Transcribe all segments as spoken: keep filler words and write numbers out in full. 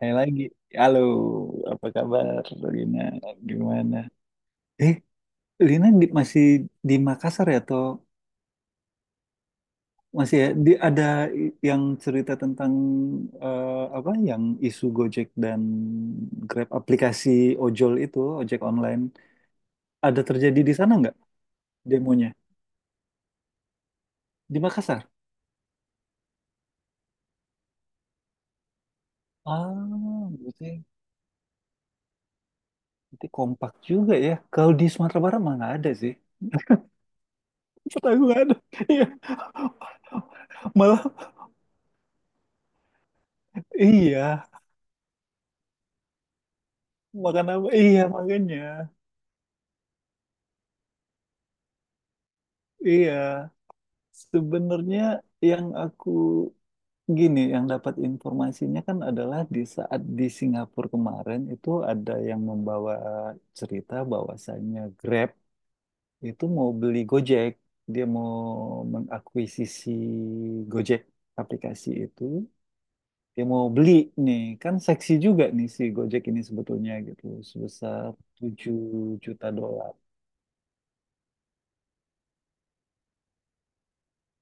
Hai lagi. Halo, apa kabar Lina? Gimana? Eh, Lina di- masih di Makassar ya atau masih ya? Di, ada i- yang cerita tentang eh, apa yang isu Gojek dan Grab aplikasi ojol itu, ojek online. Ada terjadi di sana nggak demonya? Di Makassar? Ah, berarti, berarti kompak juga ya. Kalau di Sumatera Barat mah nggak ada sih. Kota gue nggak ada. Iya, malah iya. Makan apa? Iya, makanya. Iya. Sebenarnya yang aku gini, yang dapat informasinya kan adalah di saat di Singapura kemarin itu ada yang membawa cerita bahwasannya Grab itu mau beli Gojek. Dia mau mengakuisisi Gojek aplikasi itu. Dia mau beli nih, kan seksi juga nih si Gojek ini sebetulnya gitu, sebesar tujuh juta dolar.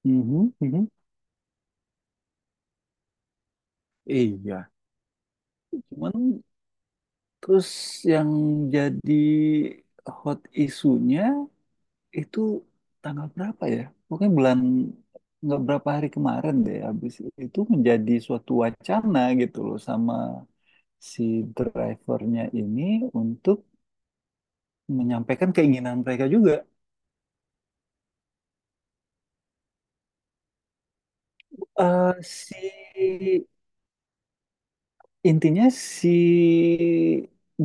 Mhm, mhm. Iya, cuman terus yang jadi hot isunya itu tanggal berapa ya? Pokoknya bulan nggak berapa hari kemarin deh. Habis itu menjadi suatu wacana gitu loh sama si drivernya ini untuk menyampaikan keinginan mereka juga. Eh si intinya si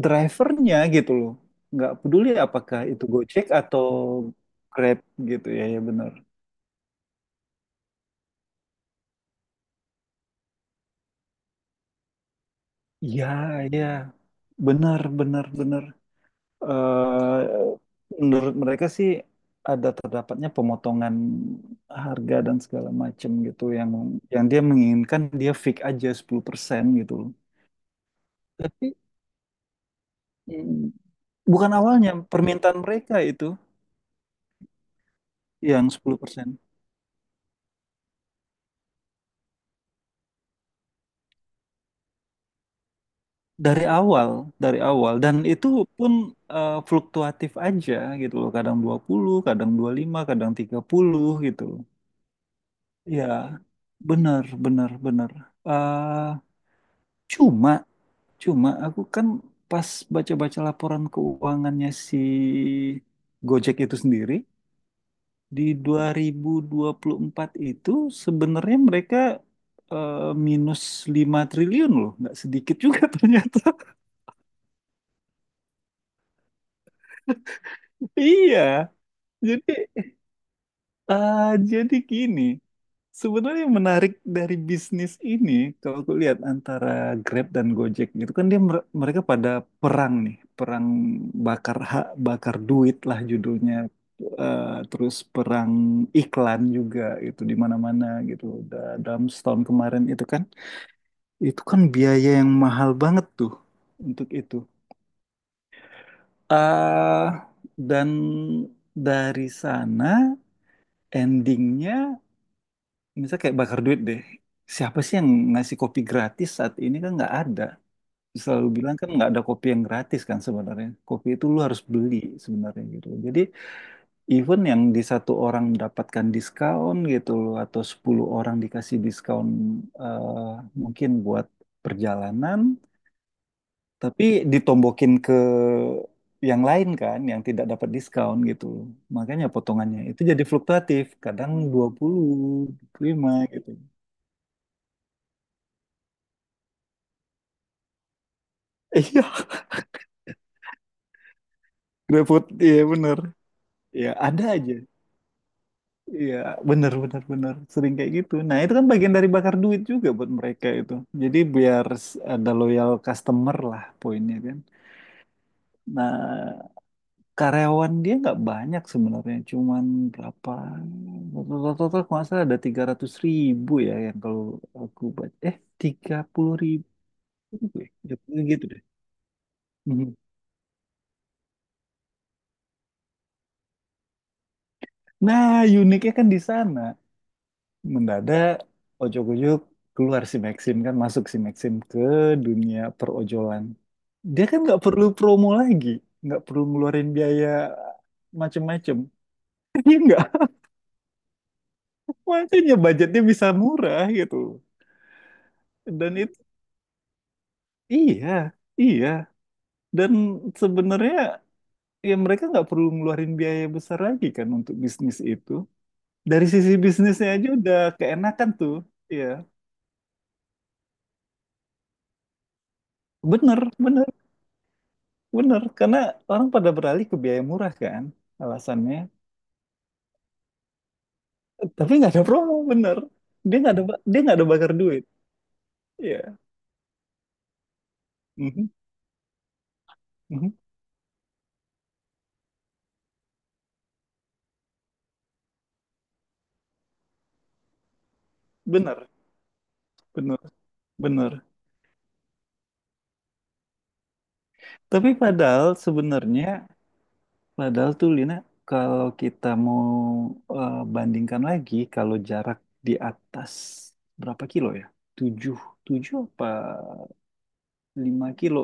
drivernya gitu loh. Nggak peduli apakah itu Gojek atau Grab gitu ya, ya benar. Iya, iya. Benar, benar, benar. Eh, menurut mereka sih ada terdapatnya pemotongan harga dan segala macam gitu yang yang dia menginginkan dia fix aja sepuluh persen gitu loh. Tapi mm, bukan awalnya permintaan mereka itu yang sepuluh persen. Dari awal, dari awal dan itu pun eh, fluktuatif aja gitu loh. Kadang dua puluh, kadang dua puluh lima, kadang tiga puluh gitu. Iya, benar, benar, benar. Eh, cuma, cuma aku kan pas baca-baca laporan keuangannya si Gojek itu sendiri, di dua dua ribu dua puluh empat itu sebenarnya mereka eh, minus lima triliun loh, nggak sedikit juga ternyata. Iya, jadi, eh, jadi gini. Sebenarnya yang menarik dari bisnis ini, kalau aku lihat antara Grab dan Gojek gitu kan dia mer- mereka pada perang nih, perang bakar hak, bakar duit lah judulnya. Eh, terus perang iklan juga gitu di mana-mana gitu. Da- Dalam setahun kemarin itu kan, itu kan biaya yang mahal banget tuh untuk itu. Ah, dan dari sana endingnya. Misalnya kayak bakar duit deh. Siapa sih yang ngasih kopi gratis saat ini kan nggak ada. Selalu bilang kan nggak ada kopi yang gratis kan sebenarnya. Kopi itu lu harus beli sebenarnya gitu. Jadi even yang di satu orang mendapatkan diskon gitu loh atau sepuluh orang dikasih diskon eh, mungkin buat perjalanan, tapi ditombokin ke yang lain kan yang tidak dapat diskon gitu loh. Makanya potongannya itu jadi fluktuatif, kadang dua puluh lima gitu. Iya, GrabFood, iya bener. Ya ada aja. Iya bener bener bener. Sering kayak gitu. Nah itu kan bagian dari bakar duit juga buat mereka itu. Jadi biar s- ada loyal customer lah poinnya kan. Nah karyawan dia nggak banyak sebenarnya. Cuman berapa? Total-total kalau nggak salah ada tiga ratus ribu ya yang kalau aku baca. Eh tiga puluh ribu ya. Ya, gitu deh. Mhm. Nah uniknya kan di sana. Mendadak ojok-ojok keluar si Maxim kan masuk si Maxim ke dunia perojolan, dia kan nggak perlu promo lagi, nggak perlu ngeluarin biaya macem-macem, iya nggak? Makanya budgetnya bisa murah gitu dan itu, iya iya, dan sebenarnya ya mereka nggak perlu ngeluarin biaya besar lagi kan untuk bisnis itu. Dari sisi bisnisnya aja udah keenakan tuh, iya. Bener bener bener, karena orang pada beralih ke biaya murah kan alasannya. Tapi nggak ada promo, bener. Dia nggak ada ba- dia nggak ada bakar duit. Iya. Mhm, mhm. Bener, bener, bener. Tapi padahal sebenarnya, padahal tuh Lina, kalau kita mau eh, bandingkan lagi, kalau jarak di atas berapa kilo ya? Tujuh, tujuh apa lima kilo.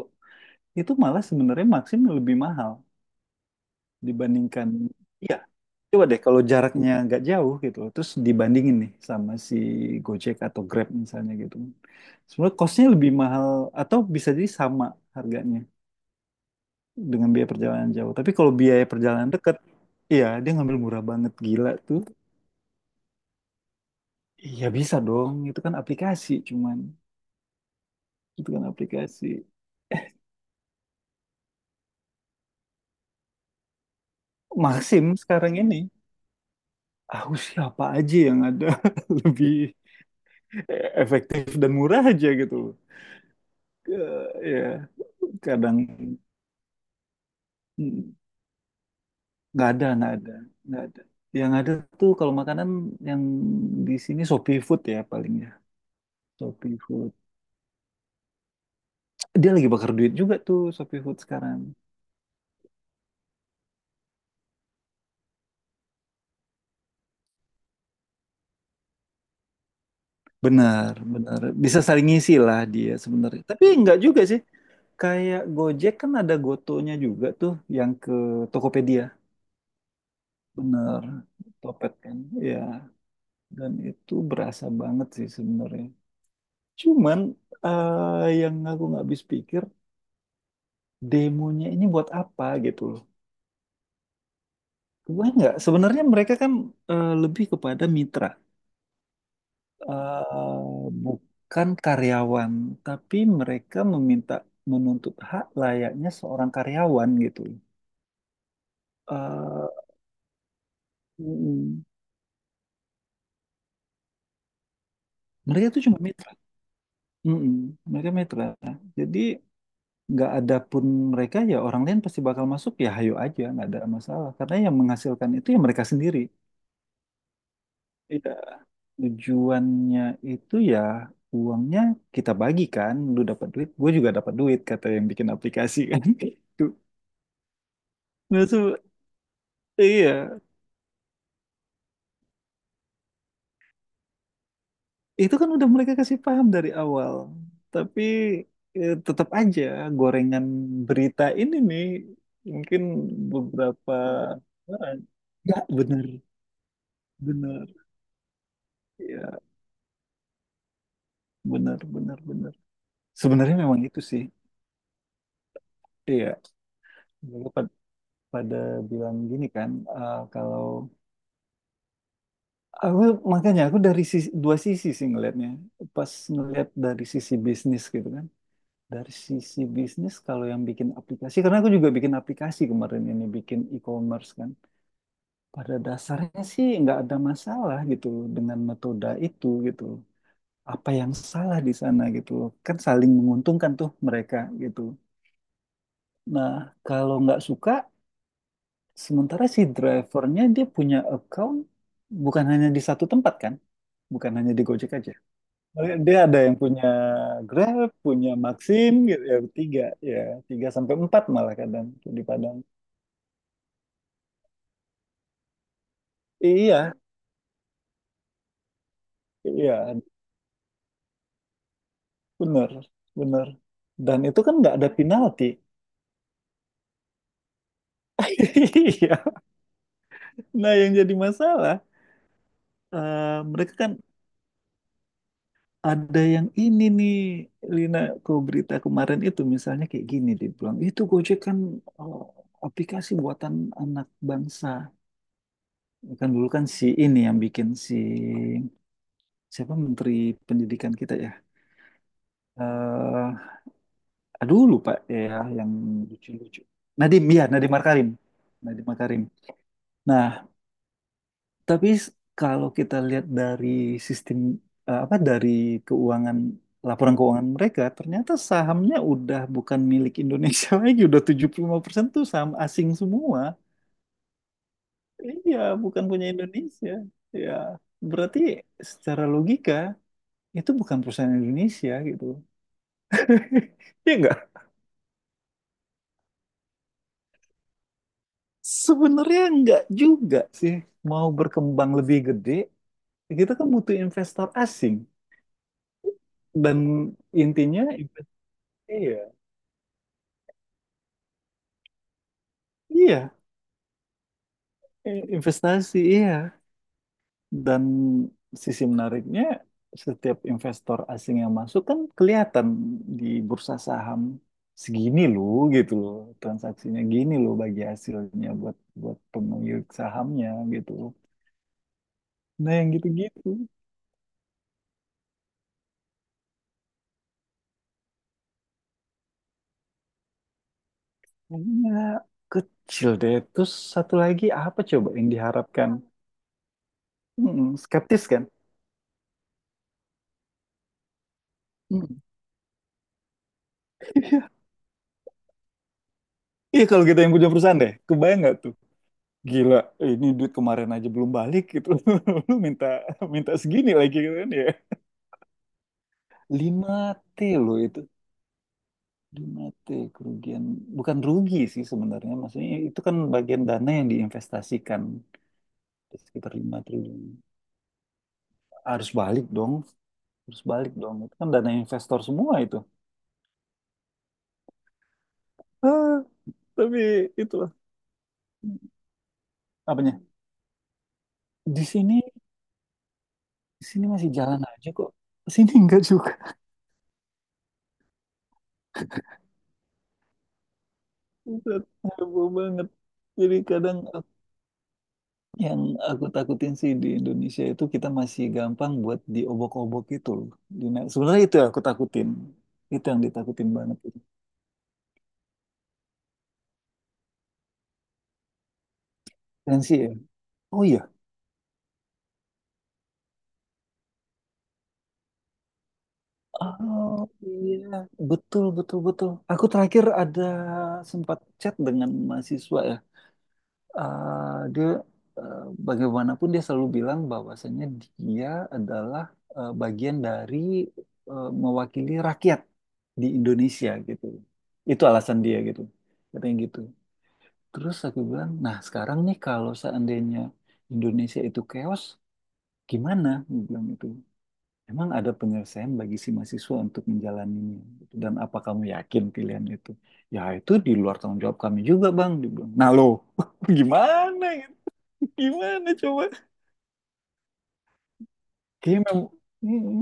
Itu malah sebenarnya maksimum lebih mahal dibandingkan, iya. Coba deh kalau jaraknya nggak jauh gitu loh, terus dibandingin nih sama si Gojek atau Grab misalnya gitu. Sebenarnya costnya lebih mahal atau bisa jadi sama harganya dengan biaya perjalanan jauh. Tapi kalau biaya perjalanan dekat, iya dia ngambil murah banget gila tuh. Iya bisa dong, itu kan aplikasi cuman itu kan aplikasi. Maxim sekarang ini, aku siapa aja yang ada lebih efektif dan murah aja gitu. Eh, Ya kadang hmm. nggak ada, nggak ada, nggak ada, yang ada tuh kalau makanan yang di sini Shopee Food ya paling ya. Shopee Food dia lagi bakar duit juga tuh, Shopee Food sekarang. Benar benar bisa saling ngisi lah dia sebenarnya tapi nggak juga sih, kayak Gojek kan ada Gotonya juga tuh yang ke Tokopedia, benar. Topet kan, ya, dan itu berasa banget sih sebenarnya, cuman eh, yang aku nggak habis pikir demonya ini buat apa gitu loh. Gue nggak. Sebenarnya mereka kan eh, lebih kepada mitra, eh, bukan karyawan. Tapi mereka meminta menuntut hak layaknya seorang karyawan gitu. Eh, mm mereka itu cuma mitra. Mm-mm. Mereka mitra. Jadi nggak ada pun mereka ya orang lain pasti bakal masuk ya hayo aja nggak ada masalah karena yang menghasilkan itu ya mereka sendiri. Iya, tujuannya itu ya uangnya kita bagi kan, lu dapat duit gue juga dapat duit, kata yang bikin aplikasi kan. Itu maksud, iya, itu kan udah mereka kasih paham dari awal tapi eh, tetap aja gorengan berita ini nih mungkin beberapa orang, ya bener bener, ya bener bener bener, sebenarnya memang itu sih, iya. Mereka pad- pada bilang gini kan, eh, kalau aku, makanya aku dari sisi, dua sisi sih ngelihatnya. Pas ngelihat dari sisi bisnis gitu kan. Dari sisi bisnis kalau yang bikin aplikasi, karena aku juga bikin aplikasi kemarin ini, bikin e-commerce kan. Pada dasarnya sih nggak ada masalah gitu loh dengan metode itu gitu loh. Apa yang salah di sana gitu loh. Kan saling menguntungkan tuh mereka gitu. Nah, kalau nggak suka, sementara si drivernya dia punya account bukan hanya di satu tempat kan. Bukan hanya di Gojek aja. Mereka- Dia ada yang punya Grab, punya Maxim gitu ya, tiga, ya tiga sampai empat malah kadang tuh di Padang. Iya iya bener bener. Dan itu kan nggak ada penalti. Iya. Nah yang jadi masalah eh, mereka kan ada yang ini nih Lina, kau berita kemarin itu misalnya kayak gini dia bilang itu Gojek kan eh, aplikasi buatan anak bangsa. Kan dulu kan si ini yang bikin, si siapa Menteri Pendidikan kita ya, eh aduh lupa ya, yang lucu-lucu. Nadim, ya Nadim Makarim. Nadim Makarim. Nah, tapi s- kalau kita lihat dari sistem, eh, apa dari keuangan, laporan keuangan mereka, ternyata sahamnya udah bukan milik Indonesia lagi, udah tujuh puluh lima persen tuh saham asing semua. Iya, bukan punya Indonesia. Ya, berarti secara logika itu bukan perusahaan Indonesia gitu. Iya nggak? Sebenarnya enggak juga sih. Mau berkembang lebih gede, kita kan butuh investor asing. Dan intinya investasi ya, iya, i- investasi iya. Dan sisi menariknya setiap investor asing yang masuk kan kelihatan di bursa saham segini loh gitu loh, transaksinya gini loh, bagi hasilnya buat buat pemilik sahamnya gitu loh. Nah yang gitu-gitu. Iya, kecil deh. Terus satu lagi apa coba yang diharapkan? Mm-mm, skeptis kan? Mm. Iya kalau kita yang punya perusahaan deh, kebayang nggak tuh? Gila, ini duit kemarin aja belum balik gitu. Lu minta minta segini lagi gitu kan ya. Lima t loh itu. Lima t kerugian. Bukan rugi sih sebenarnya. Maksudnya itu kan bagian dana yang diinvestasikan. Sekitar lima triliun. Harus balik dong. Harus balik dong. Itu kan dana investor semua itu. Ah, tapi itulah. Apanya? Di sini, di sini masih jalan aja kok. Sini enggak juga. Buset, heboh banget. Jadi kadang aku- yang aku takutin sih di Indonesia itu kita masih gampang buat diobok-obok itu loh. Di- nah, sebenarnya itu yang aku takutin. Itu yang ditakutin banget. Tensi ya. Oh iya. Oh iya, betul betul betul. Aku terakhir ada sempat chat dengan mahasiswa ya. eh, dia eh, bagaimanapun dia selalu bilang bahwasanya dia adalah eh, bagian dari eh, mewakili rakyat di Indonesia gitu. Itu alasan dia gitu. Katanya gitu. Terus aku bilang, nah sekarang nih kalau seandainya Indonesia itu chaos, gimana? Dia bilang itu. Emang ada penyelesaian bagi si mahasiswa untuk menjalaninya? Gitu. Dan apa kamu yakin pilihan itu? Ya itu di luar tanggung jawab kami juga bang. Dia bilang, nah loh. Gimana? Gitu? Gimana coba? Kayaknya memang hmm,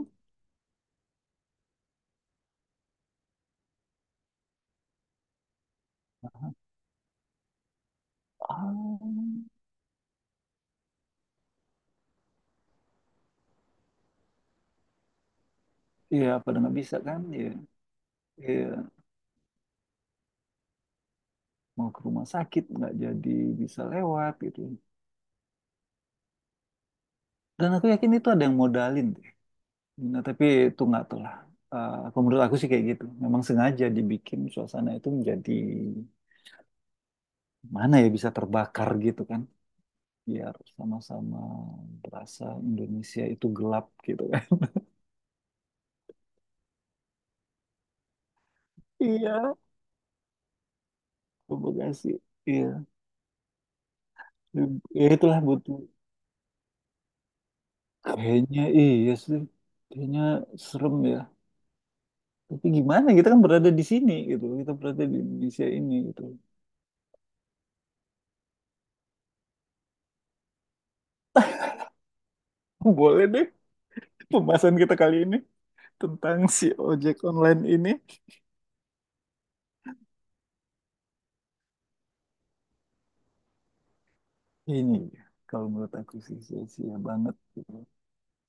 ah, ya pada nggak bisa kan ya, ya mau ke rumah sakit nggak jadi bisa lewat gitu. Dan aku yakin itu ada yang modalin deh. Nah, tapi itu nggak tahu lah. Eh, Kalau menurut aku sih kayak gitu. Memang sengaja dibikin suasana itu menjadi mana ya bisa terbakar gitu kan. Biar sama-sama berasa Indonesia itu gelap gitu kan. Iya. Terima kasih. Iya, ya itulah butuh. Kayaknya iya sih. Kayaknya serem ya. Tapi gimana kita kan berada di sini gitu. Kita berada di Indonesia ini gitu. Boleh deh pembahasan kita kali ini tentang si ojek online ini. Ini ya, kalau menurut aku sih sia-sia banget.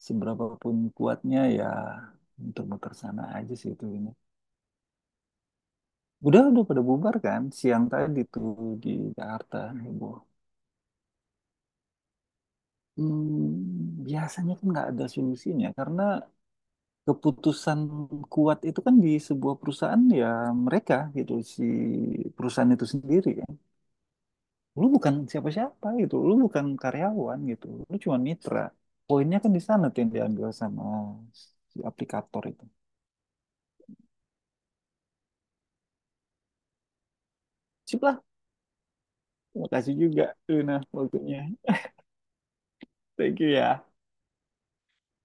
Seberapa pun kuatnya ya muter-muter sana aja sih itu ini. Udah udah pada bubar kan siang tadi tuh di Jakarta heboh. Hmm, biasanya kan nggak ada solusinya karena keputusan kuat itu kan di sebuah perusahaan ya mereka gitu, si perusahaan itu sendiri kan, lu bukan siapa-siapa gitu, lu bukan karyawan gitu, lu cuma mitra, poinnya kan di sana tuh yang diambil sama si aplikator itu. Sip lah, terima kasih juga Luna waktunya, thank you ya.